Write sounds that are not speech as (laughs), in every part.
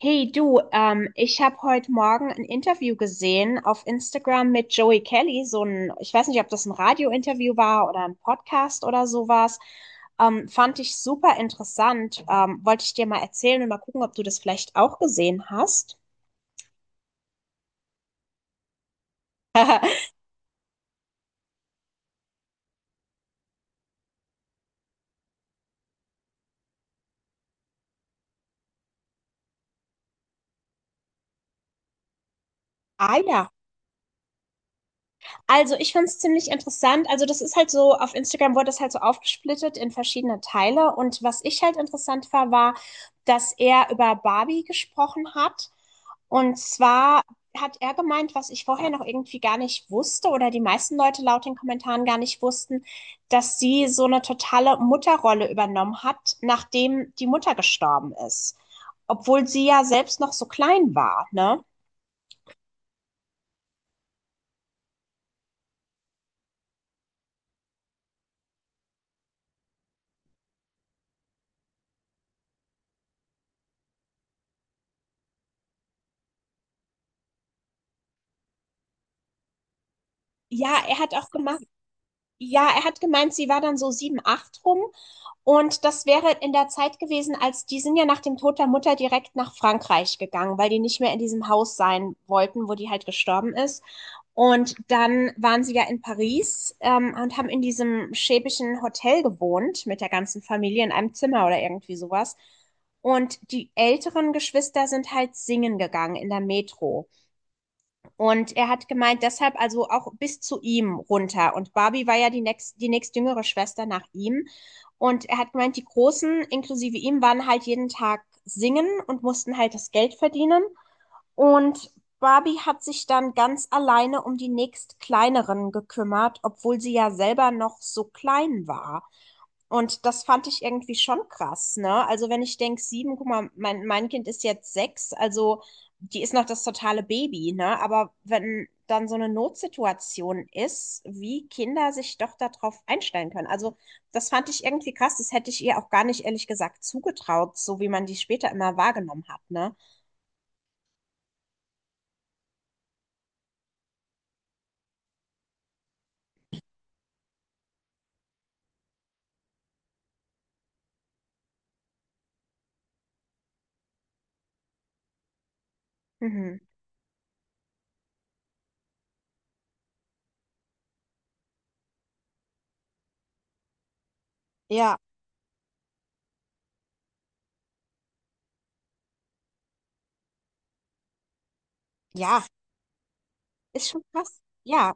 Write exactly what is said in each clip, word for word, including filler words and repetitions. Hey du, ähm, ich habe heute Morgen ein Interview gesehen auf Instagram mit Joey Kelly, so ein, ich weiß nicht, ob das ein Radiointerview war oder ein Podcast oder sowas. Ähm, fand ich super interessant. Ähm, wollte ich dir mal erzählen und mal gucken, ob du das vielleicht auch gesehen hast. (laughs) Ah ja. Also, ich fand es ziemlich interessant. Also, das ist halt so, auf Instagram wurde das halt so aufgesplittet in verschiedene Teile. Und was ich halt interessant war, war, dass er über Barbie gesprochen hat. Und zwar hat er gemeint, was ich vorher noch irgendwie gar nicht wusste oder die meisten Leute laut den Kommentaren gar nicht wussten, dass sie so eine totale Mutterrolle übernommen hat, nachdem die Mutter gestorben ist. Obwohl sie ja selbst noch so klein war, ne? Ja, er hat auch gemacht. Ja, er hat gemeint, sie war dann so sieben, acht rum. Und das wäre in der Zeit gewesen, als die sind ja nach dem Tod der Mutter direkt nach Frankreich gegangen, weil die nicht mehr in diesem Haus sein wollten, wo die halt gestorben ist. Und dann waren sie ja in Paris, ähm, und haben in diesem schäbischen Hotel gewohnt mit der ganzen Familie in einem Zimmer oder irgendwie sowas. Und die älteren Geschwister sind halt singen gegangen in der Metro. Und er hat gemeint, deshalb also auch bis zu ihm runter. Und Barbie war ja die nächst, die nächstjüngere Schwester nach ihm. Und er hat gemeint, die Großen, inklusive ihm, waren halt jeden Tag singen und mussten halt das Geld verdienen. Und Barbie hat sich dann ganz alleine um die nächstkleineren gekümmert, obwohl sie ja selber noch so klein war. Und das fand ich irgendwie schon krass, ne? Also wenn ich denke, sieben, guck mal, mein, mein Kind ist jetzt sechs, also die ist noch das totale Baby, ne? Aber wenn dann so eine Notsituation ist, wie Kinder sich doch darauf einstellen können. Also das fand ich irgendwie krass. Das hätte ich ihr auch gar nicht ehrlich gesagt zugetraut, so wie man die später immer wahrgenommen hat, ne? Mhm. Ja, ja, ist schon krass. Ja.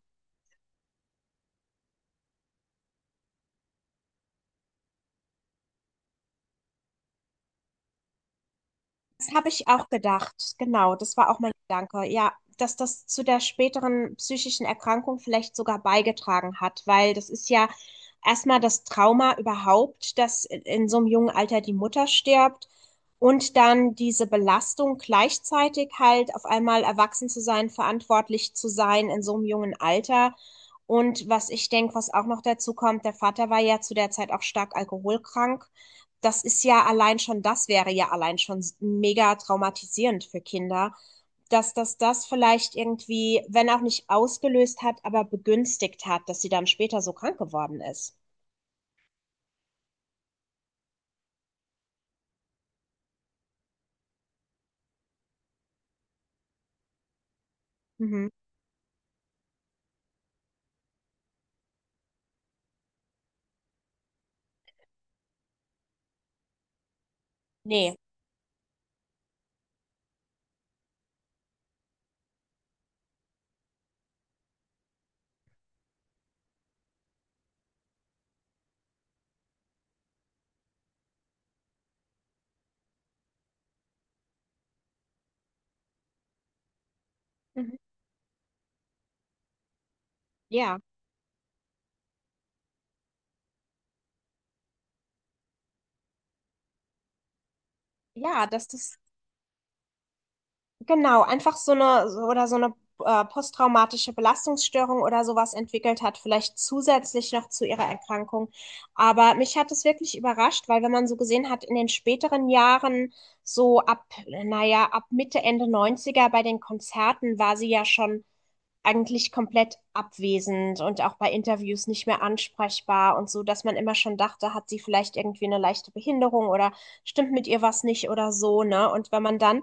Das habe ich auch gedacht. Genau, das war auch mein Gedanke. Ja, dass das zu der späteren psychischen Erkrankung vielleicht sogar beigetragen hat, weil das ist ja erstmal das Trauma überhaupt, dass in so einem jungen Alter die Mutter stirbt und dann diese Belastung gleichzeitig halt auf einmal erwachsen zu sein, verantwortlich zu sein in so einem jungen Alter. Und was ich denke, was auch noch dazu kommt, der Vater war ja zu der Zeit auch stark alkoholkrank. Das ist ja allein schon, das wäre ja allein schon mega traumatisierend für Kinder, dass das das vielleicht irgendwie, wenn auch nicht ausgelöst hat, aber begünstigt hat, dass sie dann später so krank geworden ist. Mhm. Nee. Mhm. Ja. Ja, dass das genau, einfach so eine so- oder so eine äh, posttraumatische Belastungsstörung oder sowas entwickelt hat, vielleicht zusätzlich noch zu ihrer Erkrankung. Aber mich hat es wirklich überrascht, weil wenn man so gesehen hat, in den späteren Jahren, so ab, naja, ab Mitte, Ende neunziger bei den Konzerten war sie ja schon eigentlich komplett abwesend und auch bei Interviews nicht mehr ansprechbar und so, dass man immer schon dachte, hat sie vielleicht irgendwie eine leichte Behinderung oder stimmt mit ihr was nicht oder so, ne? Und wenn man dann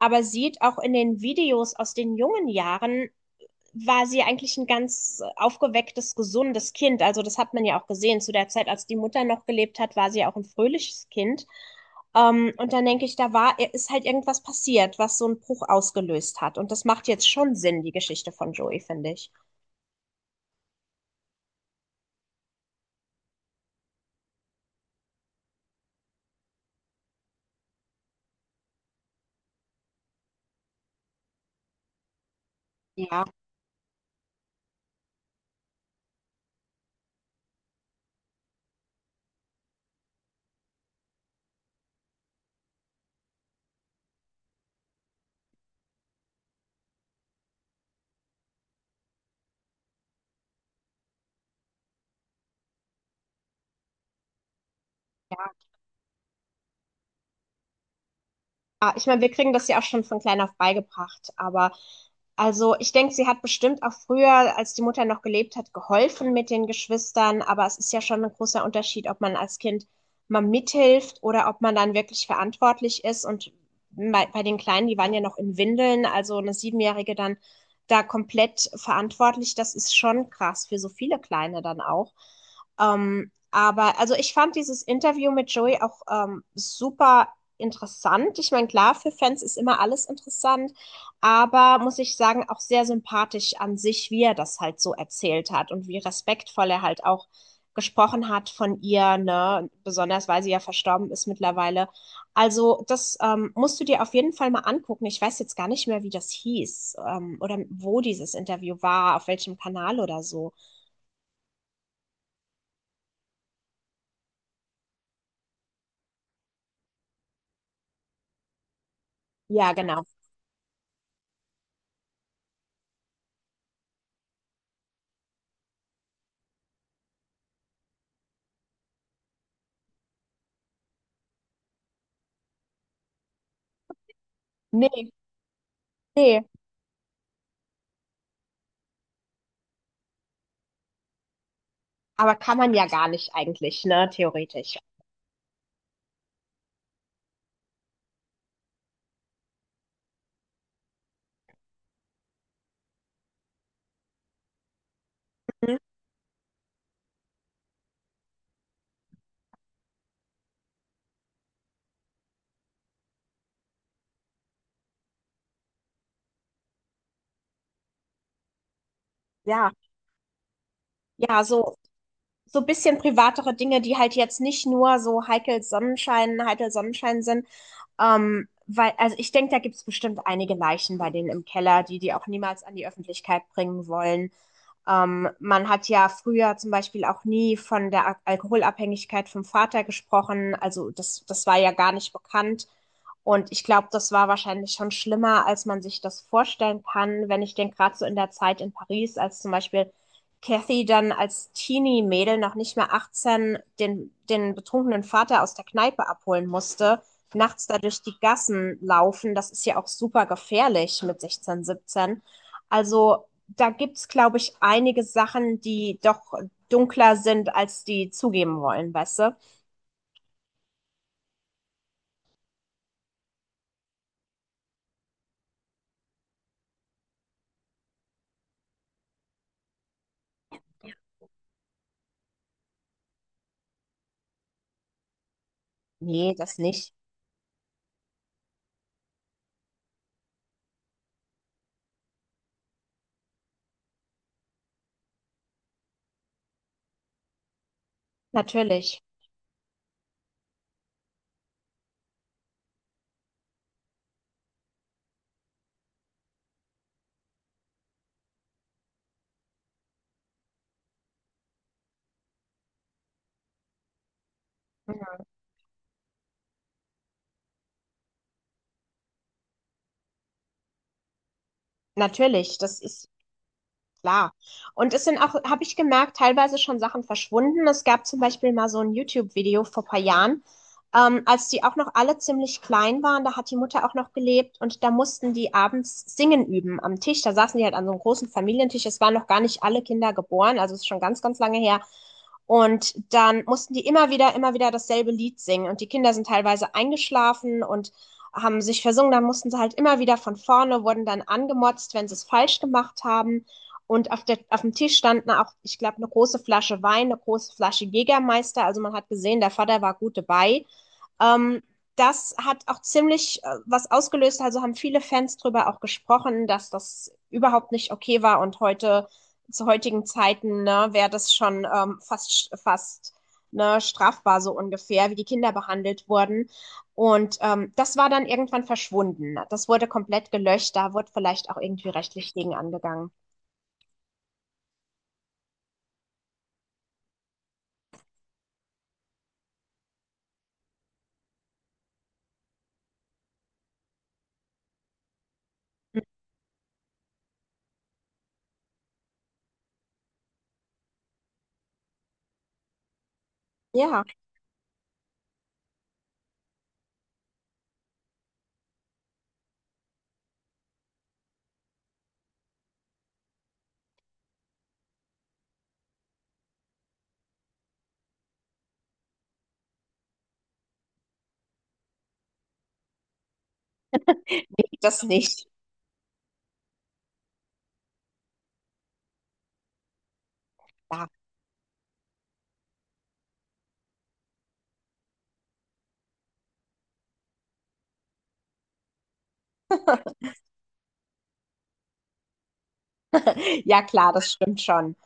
aber sieht, auch in den Videos aus den jungen Jahren, war sie eigentlich ein ganz aufgewecktes, gesundes Kind. Also das hat man ja auch gesehen. Zu der Zeit, als die Mutter noch gelebt hat, war sie auch ein fröhliches Kind. Ähm, und dann denke ich, da war, äh, ist halt irgendwas passiert, was so einen Bruch ausgelöst hat. Und das macht jetzt schon Sinn, die Geschichte von Joey, finde ich. Ja, ah, ich meine, wir kriegen das ja auch schon von klein auf beigebracht, aber also ich denke, sie hat bestimmt auch früher, als die Mutter noch gelebt hat, geholfen mit den Geschwistern, aber es ist ja schon ein großer Unterschied, ob man als Kind mal mithilft oder ob man dann wirklich verantwortlich ist. Und bei, bei den Kleinen, die waren ja noch in Windeln, also eine Siebenjährige dann da komplett verantwortlich, das ist schon krass für so viele Kleine dann auch. Ähm, aber also ich fand dieses Interview mit Joey auch ähm, super interessant. Ich meine, klar, für Fans ist immer alles interessant, aber muss ich sagen, auch sehr sympathisch an sich, wie er das halt so erzählt hat und wie respektvoll er halt auch gesprochen hat von ihr, ne? Besonders weil sie ja verstorben ist mittlerweile. Also, das ähm, musst du dir auf jeden Fall mal angucken. Ich weiß jetzt gar nicht mehr, wie das hieß, ähm, oder wo dieses Interview war, auf welchem Kanal oder so. Ja, genau. Nee, nee. Aber kann man ja gar nicht eigentlich, ne? Theoretisch. Mhm. Ja, ja, so, so ein bisschen privatere Dinge, die halt jetzt nicht nur so heikel Sonnenschein, heikel Sonnenschein sind. Ähm, weil, also ich denke, da gibt's bestimmt einige Leichen bei denen im Keller, die die auch niemals an die Öffentlichkeit bringen wollen. Ähm, man hat ja früher zum Beispiel auch nie von der Al- Alkoholabhängigkeit vom Vater gesprochen. Also das, das war ja gar nicht bekannt. Und ich glaube, das war wahrscheinlich schon schlimmer, als man sich das vorstellen kann, wenn ich denke, gerade so in der Zeit in Paris, als zum Beispiel Cathy dann als Teenie-Mädel noch nicht mehr achtzehn den, den betrunkenen Vater aus der Kneipe abholen musste, nachts da durch die Gassen laufen, das ist ja auch super gefährlich mit sechzehn, siebzehn. Also da gibt's, glaube ich, einige Sachen, die doch dunkler sind, als die zugeben wollen, weißt du? Nee, das nicht. Natürlich. Mhm. Natürlich, das ist klar. Und es sind auch, habe ich gemerkt, teilweise schon Sachen verschwunden. Es gab zum Beispiel mal so ein YouTube-Video vor ein paar Jahren, ähm, als die auch noch alle ziemlich klein waren. Da hat die Mutter auch noch gelebt und da mussten die abends singen üben am Tisch. Da saßen die halt an so einem großen Familientisch. Es waren noch gar nicht alle Kinder geboren, also es ist schon ganz, ganz lange her. Und dann mussten die immer wieder, immer wieder dasselbe Lied singen. Und die Kinder sind teilweise eingeschlafen und haben sich versungen. Dann mussten sie halt immer wieder von vorne, wurden dann angemotzt, wenn sie es falsch gemacht haben. Und auf der, auf dem Tisch standen auch, ich glaube, eine große Flasche Wein, eine große Flasche Jägermeister. Also man hat gesehen, der Vater war gut dabei. Ähm, Das hat auch ziemlich äh, was ausgelöst. Also haben viele Fans drüber auch gesprochen, dass das überhaupt nicht okay war. Und heute, zu heutigen Zeiten, ne, wäre das schon ähm, fast, fast ne, strafbar so ungefähr, wie die Kinder behandelt wurden. Und ähm, das war dann irgendwann verschwunden. Das wurde komplett gelöscht. Da wurde vielleicht auch irgendwie rechtlich gegen angegangen. Ja. Das nicht. Ja. Ja, klar, das stimmt schon.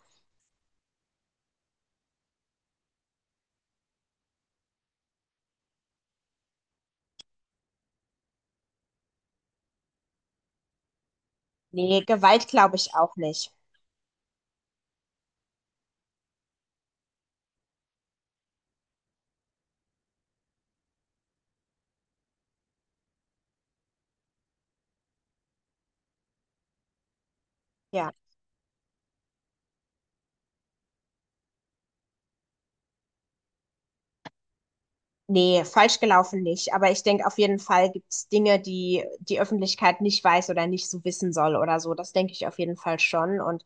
Nee, Gewalt glaube ich auch nicht. Ja, nee, falsch gelaufen nicht. Aber ich denke, auf jeden Fall gibt es Dinge, die die Öffentlichkeit nicht weiß oder nicht so wissen soll oder so. Das denke ich auf jeden Fall schon. Und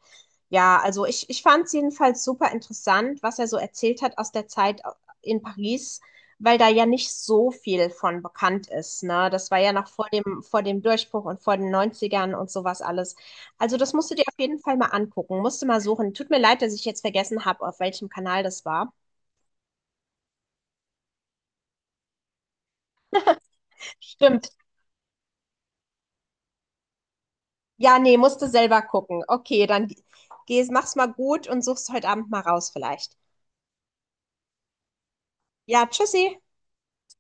ja, also ich, ich fand es jedenfalls super interessant, was er so erzählt hat aus der Zeit in Paris, weil da ja nicht so viel von bekannt ist, ne? Das war ja noch vor dem, vor dem Durchbruch und vor den Neunzigern und sowas alles. Also das musst du dir auf jeden Fall mal angucken, musst du mal suchen. Tut mir leid, dass ich jetzt vergessen habe, auf welchem Kanal das war. Stimmt. Ja, nee, musst du selber gucken. Okay, dann geh's, mach's mal gut und such's heute Abend mal raus vielleicht. Ja, tschüssi.